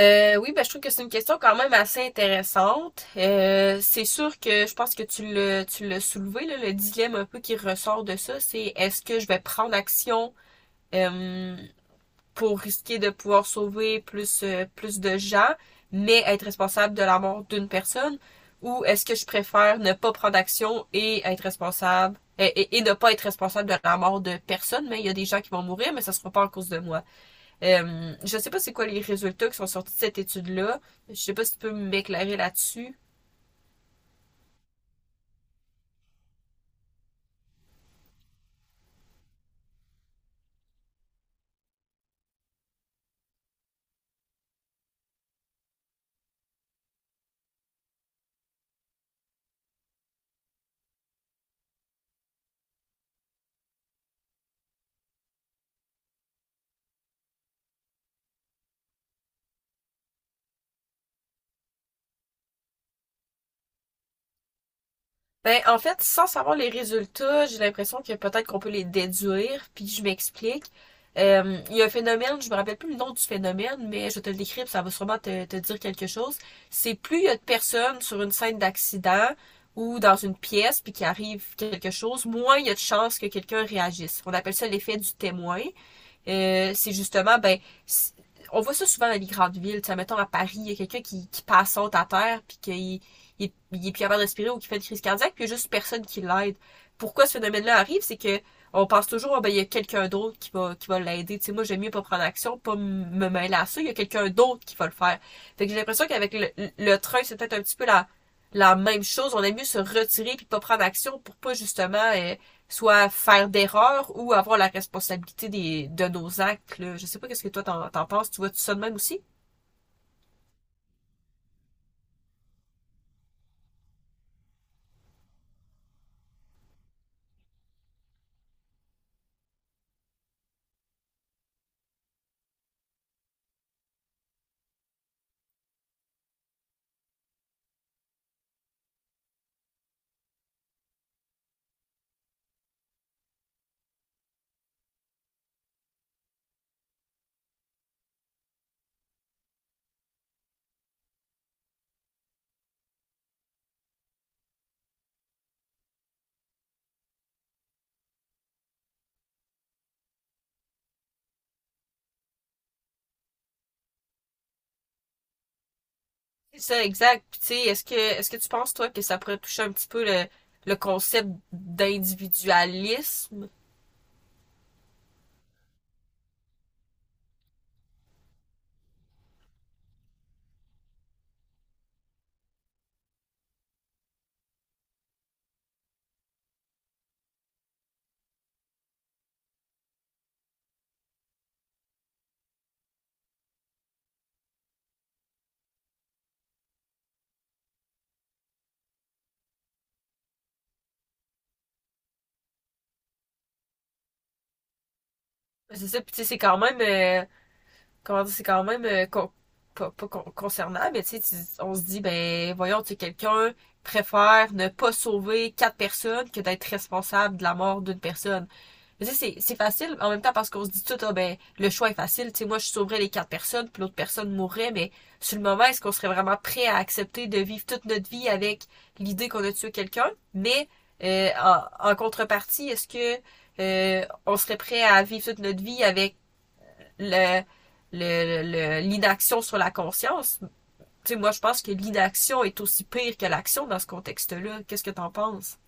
Oui, ben, je trouve que c'est une question quand même assez intéressante. C'est sûr que je pense que tu l'as soulevé, là, le dilemme un peu qui ressort de ça, c'est est-ce que je vais prendre action euh, pour risquer de pouvoir sauver plus, plus de gens, mais être responsable de la mort d'une personne, ou est-ce que je préfère ne pas prendre action et être responsable et ne pas être responsable de la mort de personne, mais il y a des gens qui vont mourir, mais ça sera pas à cause de moi. Je ne sais pas c'est quoi les résultats qui sont sortis de cette étude-là. Je ne sais pas si tu peux m'éclairer là-dessus. Ben, en fait, sans savoir les résultats, j'ai l'impression que peut-être qu'on peut les déduire, puis je m'explique. Il y a un phénomène, je me rappelle plus le nom du phénomène, mais je te le décris, ça va sûrement te dire quelque chose. C'est plus il y a de personnes sur une scène d'accident ou dans une pièce, puis qu'il arrive quelque chose, moins il y a de chances que quelqu'un réagisse. On appelle ça l'effet du témoin. C'est justement, ben, on voit ça souvent dans les grandes villes. Tu sais, mettons à Paris, il y a quelqu'un qui passe saute à terre, puis qu'il il est plus capable de respirer ou qui fait une crise cardiaque, puis il y a juste personne qui l'aide. Pourquoi ce phénomène-là arrive, c'est que on pense toujours, oh, ben, il y a quelqu'un d'autre qui va l'aider. Tu sais, moi, j'aime mieux pas prendre action, pas me mêler à ça. Il y a quelqu'un d'autre qui va le faire. Fait que j'ai l'impression qu'avec le train, c'est peut-être un petit peu la même chose. On aime mieux se retirer puis pas prendre action pour pas justement soit faire d'erreurs ou avoir la responsabilité de nos actes. Là, je sais pas qu'est-ce que toi t'en penses. Tu vois tu ça de même aussi? C'est ça, exact. Puis, tu sais, est-ce que tu penses toi que ça pourrait toucher un petit peu le concept d'individualisme? C'est ça. Puis tu sais, c'est quand même comment dire, c'est quand même pas concernant, mais tu sais, on se dit, ben voyons, tu sais, quelqu'un préfère ne pas sauver quatre personnes que d'être responsable de la mort d'une personne. Mais tu sais, c'est facile en même temps parce qu'on se dit tout, ah ben le choix est facile, tu sais, moi je sauverais les quatre personnes, puis l'autre personne mourrait, mais sur le moment, est-ce qu'on serait vraiment prêt à accepter de vivre toute notre vie avec l'idée qu'on a tué quelqu'un? Mais en contrepartie, est-ce que on serait prêt à vivre toute notre vie avec le, le- l'inaction sur la conscience. Tu sais, moi, je pense que l'inaction est aussi pire que l'action dans ce contexte-là. Qu'est-ce que t'en penses?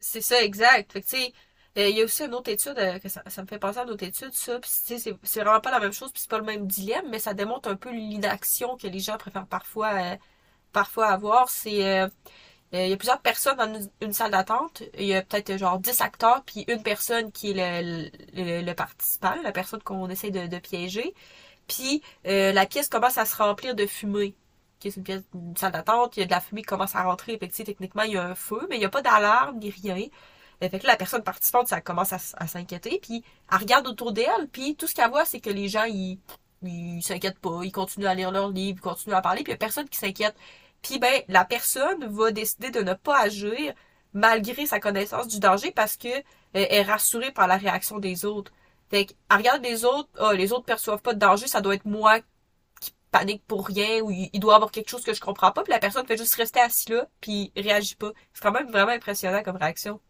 C'est ça, exact. Fait que, tu sais, il y a aussi une autre étude, que ça me fait penser à une autre étude ça. Puis, tu sais, c'est vraiment pas la même chose, puis c'est pas le même dilemme, mais ça démontre un peu l'inaction que les gens préfèrent parfois, parfois avoir. C'est, il y a plusieurs personnes dans une salle d'attente. Il y a peut-être genre 10 acteurs, puis une personne qui est le participant, la personne qu'on essaie de piéger. Puis la pièce commence à se remplir de fumée. Okay, c'est une pièce, une salle d'attente, il y a de la fumée qui commence à rentrer. Fait que, tu sais, techniquement, il y a un feu, mais il n'y a pas d'alarme ni rien. Fait que là, la personne participante, ça commence à s'inquiéter. Puis elle regarde autour d'elle, puis tout ce qu'elle voit, c'est que les gens, ils s'inquiètent pas, ils continuent à lire leurs livres, ils continuent à parler, puis il y a personne qui s'inquiète. Puis ben, la personne va décider de ne pas agir malgré sa connaissance du danger parce que elle est rassurée par la réaction des autres. Fait que, elle regarde les autres, ah, les autres perçoivent pas de danger, ça doit être moi qui panique pour rien ou il doit y avoir quelque chose que je comprends pas, puis la personne fait juste rester assise là, puis réagit pas. C'est quand même vraiment impressionnant comme réaction.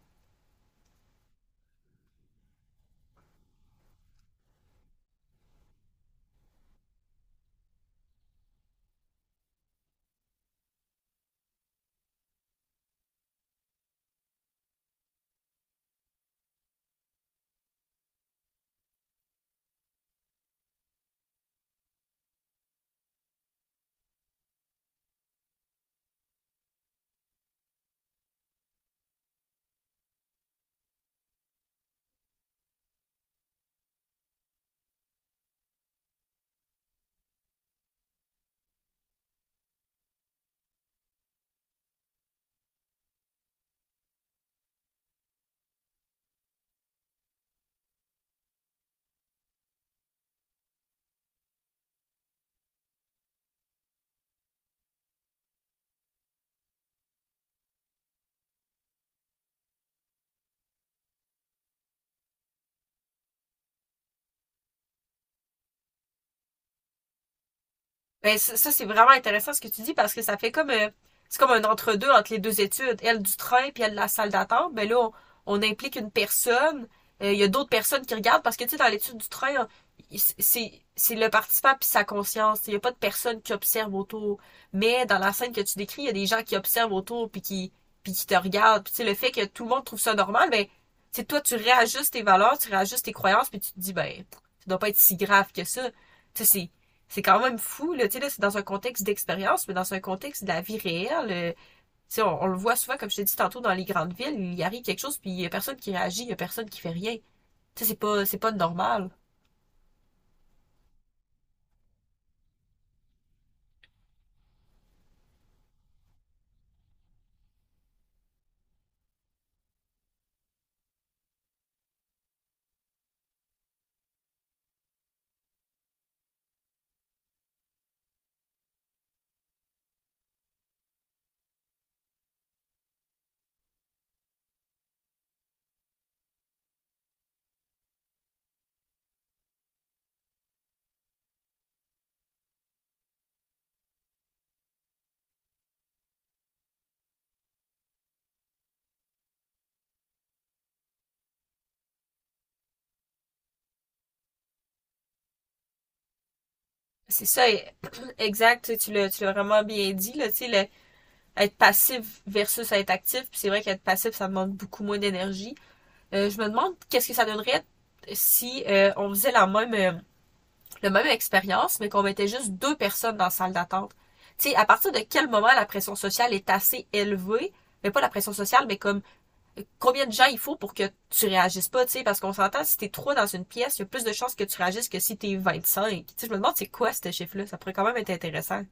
Ben, ça, c'est vraiment intéressant ce que tu dis parce que ça fait comme c'est comme un entre-deux entre les deux études. Elle du train puis elle de la salle d'attente. Ben là, on implique une personne. Il y a d'autres personnes qui regardent parce que tu sais, dans l'étude du train, hein, c'est le participant puis sa conscience. Il n'y a pas de personne qui observe autour. Mais dans la scène que tu décris, il y a des gens qui observent autour puis qui te regardent. Puis tu sais, le fait que tout le monde trouve ça normal, ben tu sais, toi tu réajustes tes valeurs, tu réajustes tes croyances puis tu te dis ben ça doit pas être si grave que ça. Tu sais, c'est quand même fou. Là, tu sais, là, c'est dans un contexte d'expérience, mais dans un contexte de la vie réelle. Tu sais, on le voit souvent, comme je t'ai dit tantôt, dans les grandes villes, il arrive quelque chose, puis il y a personne qui réagit, il y a personne qui fait rien. Tu sais, c'est pas normal. C'est ça, exact. Tu l'as vraiment bien dit, là, tu sais, être passif versus être actif. Puis c'est vrai qu'être passif, ça demande beaucoup moins d'énergie. Je me demande qu'est-ce que ça donnerait si on faisait le même expérience, mais qu'on mettait juste deux personnes dans la salle d'attente. Tu sais, à partir de quel moment la pression sociale est assez élevée, mais pas la pression sociale, mais comme combien de gens il faut pour que tu réagisses pas, tu sais, parce qu'on s'entend, si t'es trois dans une pièce, il y a plus de chances que tu réagisses que si t'es 25. Tu sais, je me demande c'est quoi ce chiffre-là, ça pourrait quand même être intéressant.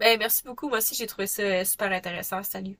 Ben, merci beaucoup, moi aussi j'ai trouvé ça super intéressant, salut.